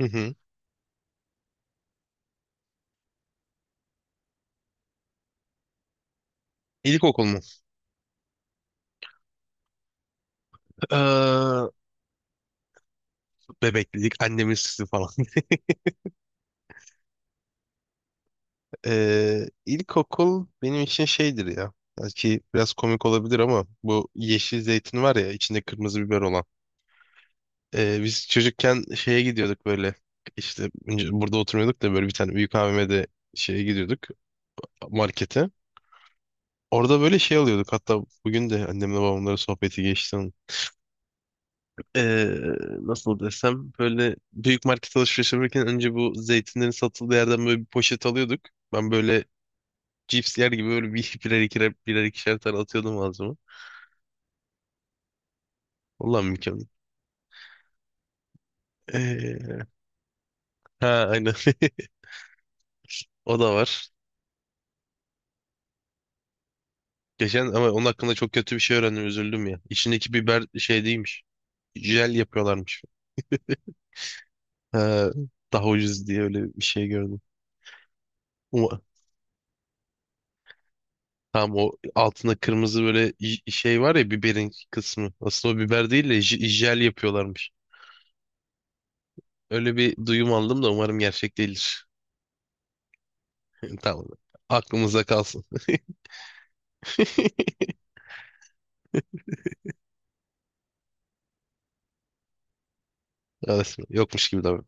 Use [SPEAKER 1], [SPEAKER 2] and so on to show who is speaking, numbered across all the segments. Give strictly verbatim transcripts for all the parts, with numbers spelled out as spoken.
[SPEAKER 1] Hı hı. İlkokul mu? Ee, bebeklik, annemin sütü falan. Ee, ilkokul benim için şeydir ya. Belki biraz komik olabilir ama bu yeşil zeytin var ya içinde kırmızı biber olan. Ee, biz çocukken şeye gidiyorduk böyle. İşte önce burada oturmuyorduk da böyle bir tane büyük A V M'de şeye gidiyorduk markete. Orada böyle şey alıyorduk. Hatta bugün de annemle babamların sohbeti geçti. eee, nasıl desem böyle büyük market alışveriş yaparken önce bu zeytinlerin satıldığı yerden böyle bir poşet alıyorduk. Ben böyle cips yer gibi böyle bir birer ikişer birer ikişer tane atıyordum ağzıma. Vallahi mükemmel. Eee, ha aynen. O da var. Geçen ama onun hakkında çok kötü bir şey öğrendim üzüldüm ya. İçindeki biber şey değilmiş. Jel yapıyorlarmış. Ha, daha ucuz diye öyle bir şey gördüm. Tam o altında kırmızı böyle j- şey var ya biberin kısmı. Aslında o biber değil de j- jel yapıyorlarmış. Öyle bir duyum aldım da umarım gerçek değildir. Tamam. Aklımızda kalsın. Arasında yokmuş gibi davran.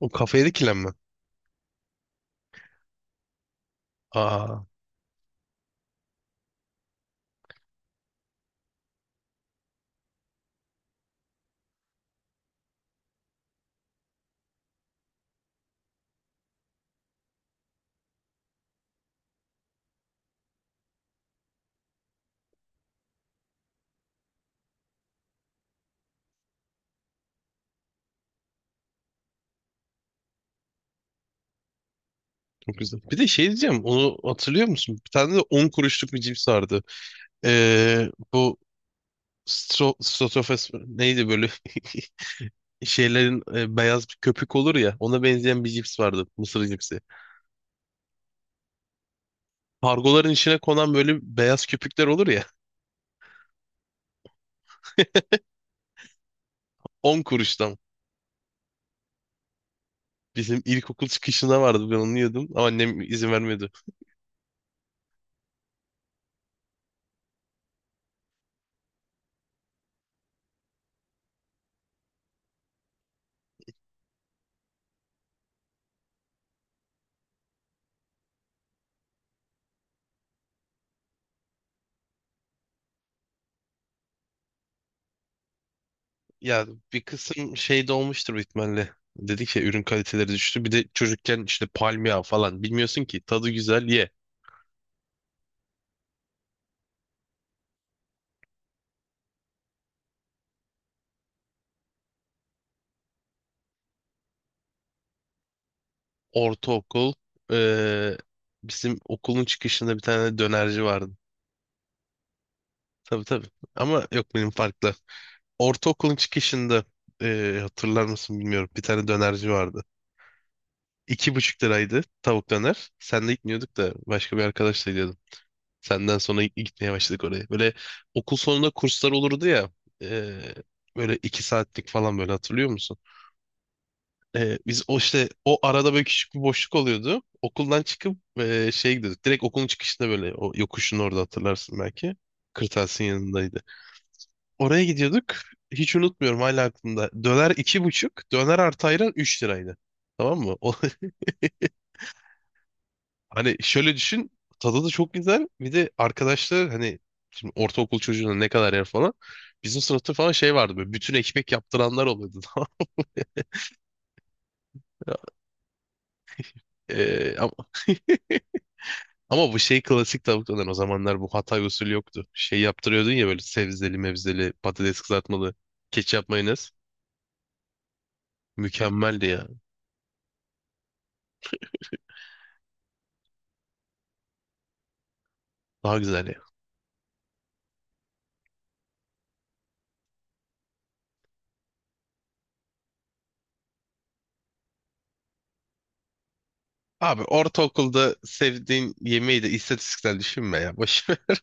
[SPEAKER 1] O kafaya dikilenme. Aa, çok güzel. Bir de şey diyeceğim. Onu hatırlıyor musun? Bir tane de on kuruşluk bir cips vardı. Ee, bu stro strofes neydi böyle şeylerin e, beyaz bir köpük olur ya. Ona benzeyen bir cips vardı. Mısır cipsi. Kargoların içine konan böyle beyaz köpükler olur ya. On kuruştan. Bizim ilkokul çıkışında vardı ben onu yiyordum ama annem izin vermedi. Ya bir kısım şey de olmuştur büyük ihtimalle. Dedik ya ürün kaliteleri düştü. Bir de çocukken işte palmiye falan bilmiyorsun ki tadı güzel ye. Ortaokul. eee, bizim okulun çıkışında bir tane dönerci vardı. Tabii tabii. Ama yok benim farklı. Ortaokulun çıkışında eee, hatırlar mısın bilmiyorum. Bir tane dönerci vardı. İki buçuk liraydı tavuk döner. Sen de gitmiyorduk da başka bir arkadaşla. Senden sonra gitmeye başladık oraya. Böyle okul sonunda kurslar olurdu ya. e, böyle iki saatlik falan böyle hatırlıyor musun? E, biz o işte o arada böyle küçük bir boşluk oluyordu. Okuldan çıkıp e, şey gidiyorduk. Direkt okulun çıkışında böyle o yokuşun orada hatırlarsın belki. Kırtasiyenin yanındaydı. Oraya gidiyorduk. Hiç unutmuyorum hala aklımda. Döner iki buçuk. Döner artı ayran üç liraydı. Tamam mı? O, Hani şöyle düşün. Tadı da çok güzel. Bir de arkadaşlar hani şimdi ortaokul çocuğuna ne kadar yer falan. Bizim sınıfta falan şey vardı böyle bütün ekmek yaptıranlar oluyordu. Tamam mı? Ee, ama, ama bu şey klasik tavuk döner o zamanlar bu Hatay usulü yoktu. Şey yaptırıyordun ya böyle sebzeli mevzeli patates kızartmalı ketçap mayonez. Mükemmeldi ya. Daha güzel ya. Abi ortaokulda sevdiğin yemeği de istatistiksel düşünme ya. Boş ver.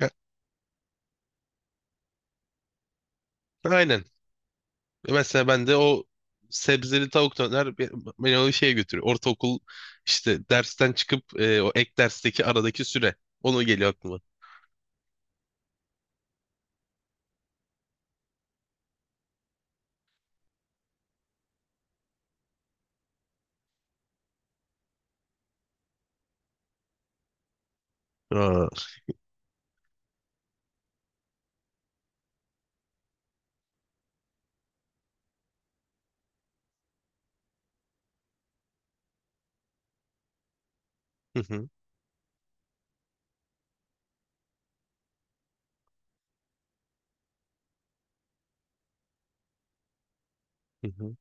[SPEAKER 1] Aynen. Mesela ben de o sebzeli tavuk döner be- beni o şeye götürüyor. Ortaokul işte dersten çıkıp e, o ek dersteki aradaki süre. Onu geliyor aklıma. Aa. Hı hı, hı hı.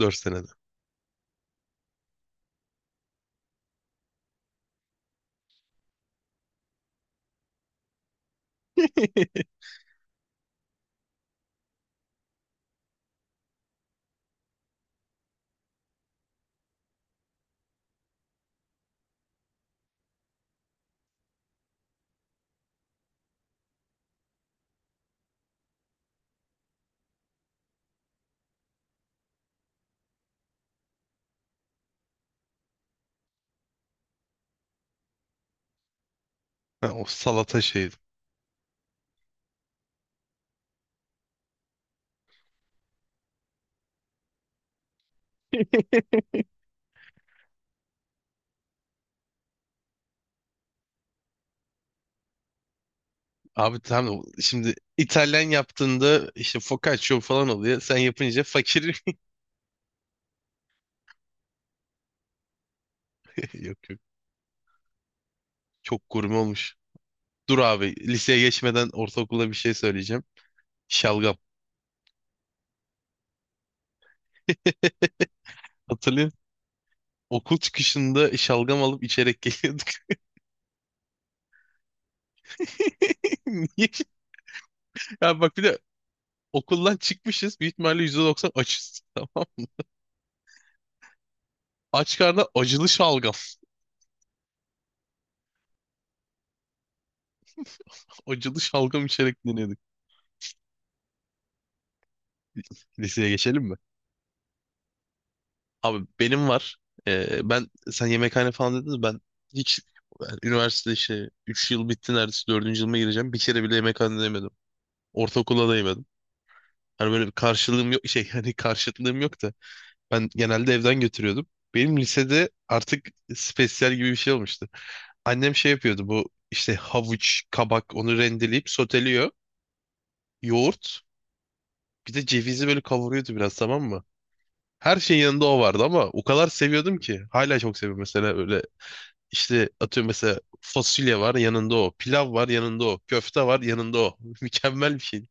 [SPEAKER 1] Dört senede. Ha, o salata şeyi. Abi tamam şimdi İtalyan yaptığında işte focaccia falan oluyor. Sen yapınca fakir. Yok yok. Çok gurme olmuş. Dur abi liseye geçmeden ortaokula bir şey söyleyeceğim. Şalgam. Hatırlıyor Okul çıkışında şalgam alıp içerek geliyorduk. Niye? Ya bak bir de okuldan çıkmışız. Büyük ihtimalle yüzde doksan açız. Tamam. Aç karnına acılı şalgam. Acılı şalgam içerek dinliyorduk. Liseye geçelim mi? Abi benim var. Ee, ben sen yemekhane falan dediniz ben hiç yani üniversite işte üç yıl bitti neredeyse dördüncü yılıma gireceğim. Bir kere bile yemekhane yemedim. Ortaokulda da yemedim. Hani böyle bir karşılığım yok şey hani karşıtlığım yok da ben genelde evden götürüyordum. Benim lisede artık spesyal gibi bir şey olmuştu. Annem şey yapıyordu bu işte havuç, kabak onu rendeleyip soteliyor. Yoğurt bir de cevizi böyle kavuruyordu biraz tamam mı? Her şeyin yanında o vardı ama o kadar seviyordum ki. Hala çok seviyorum mesela öyle İşte atıyorum mesela fasulye var yanında o. Pilav var yanında o. Köfte var yanında o. Mükemmel bir şey.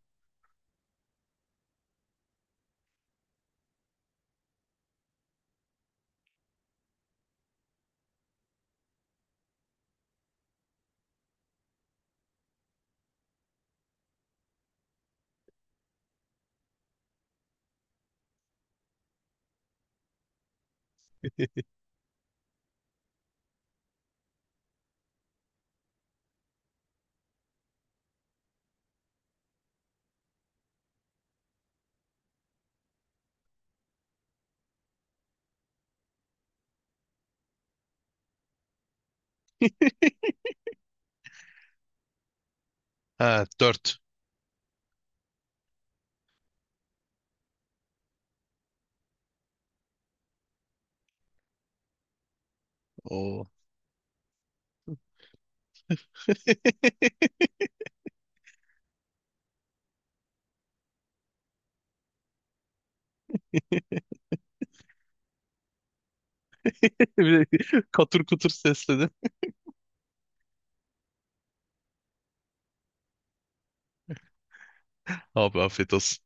[SPEAKER 1] Ha dört. Oo. Bir de katır kutur sesledim. Abi afiyet olsun.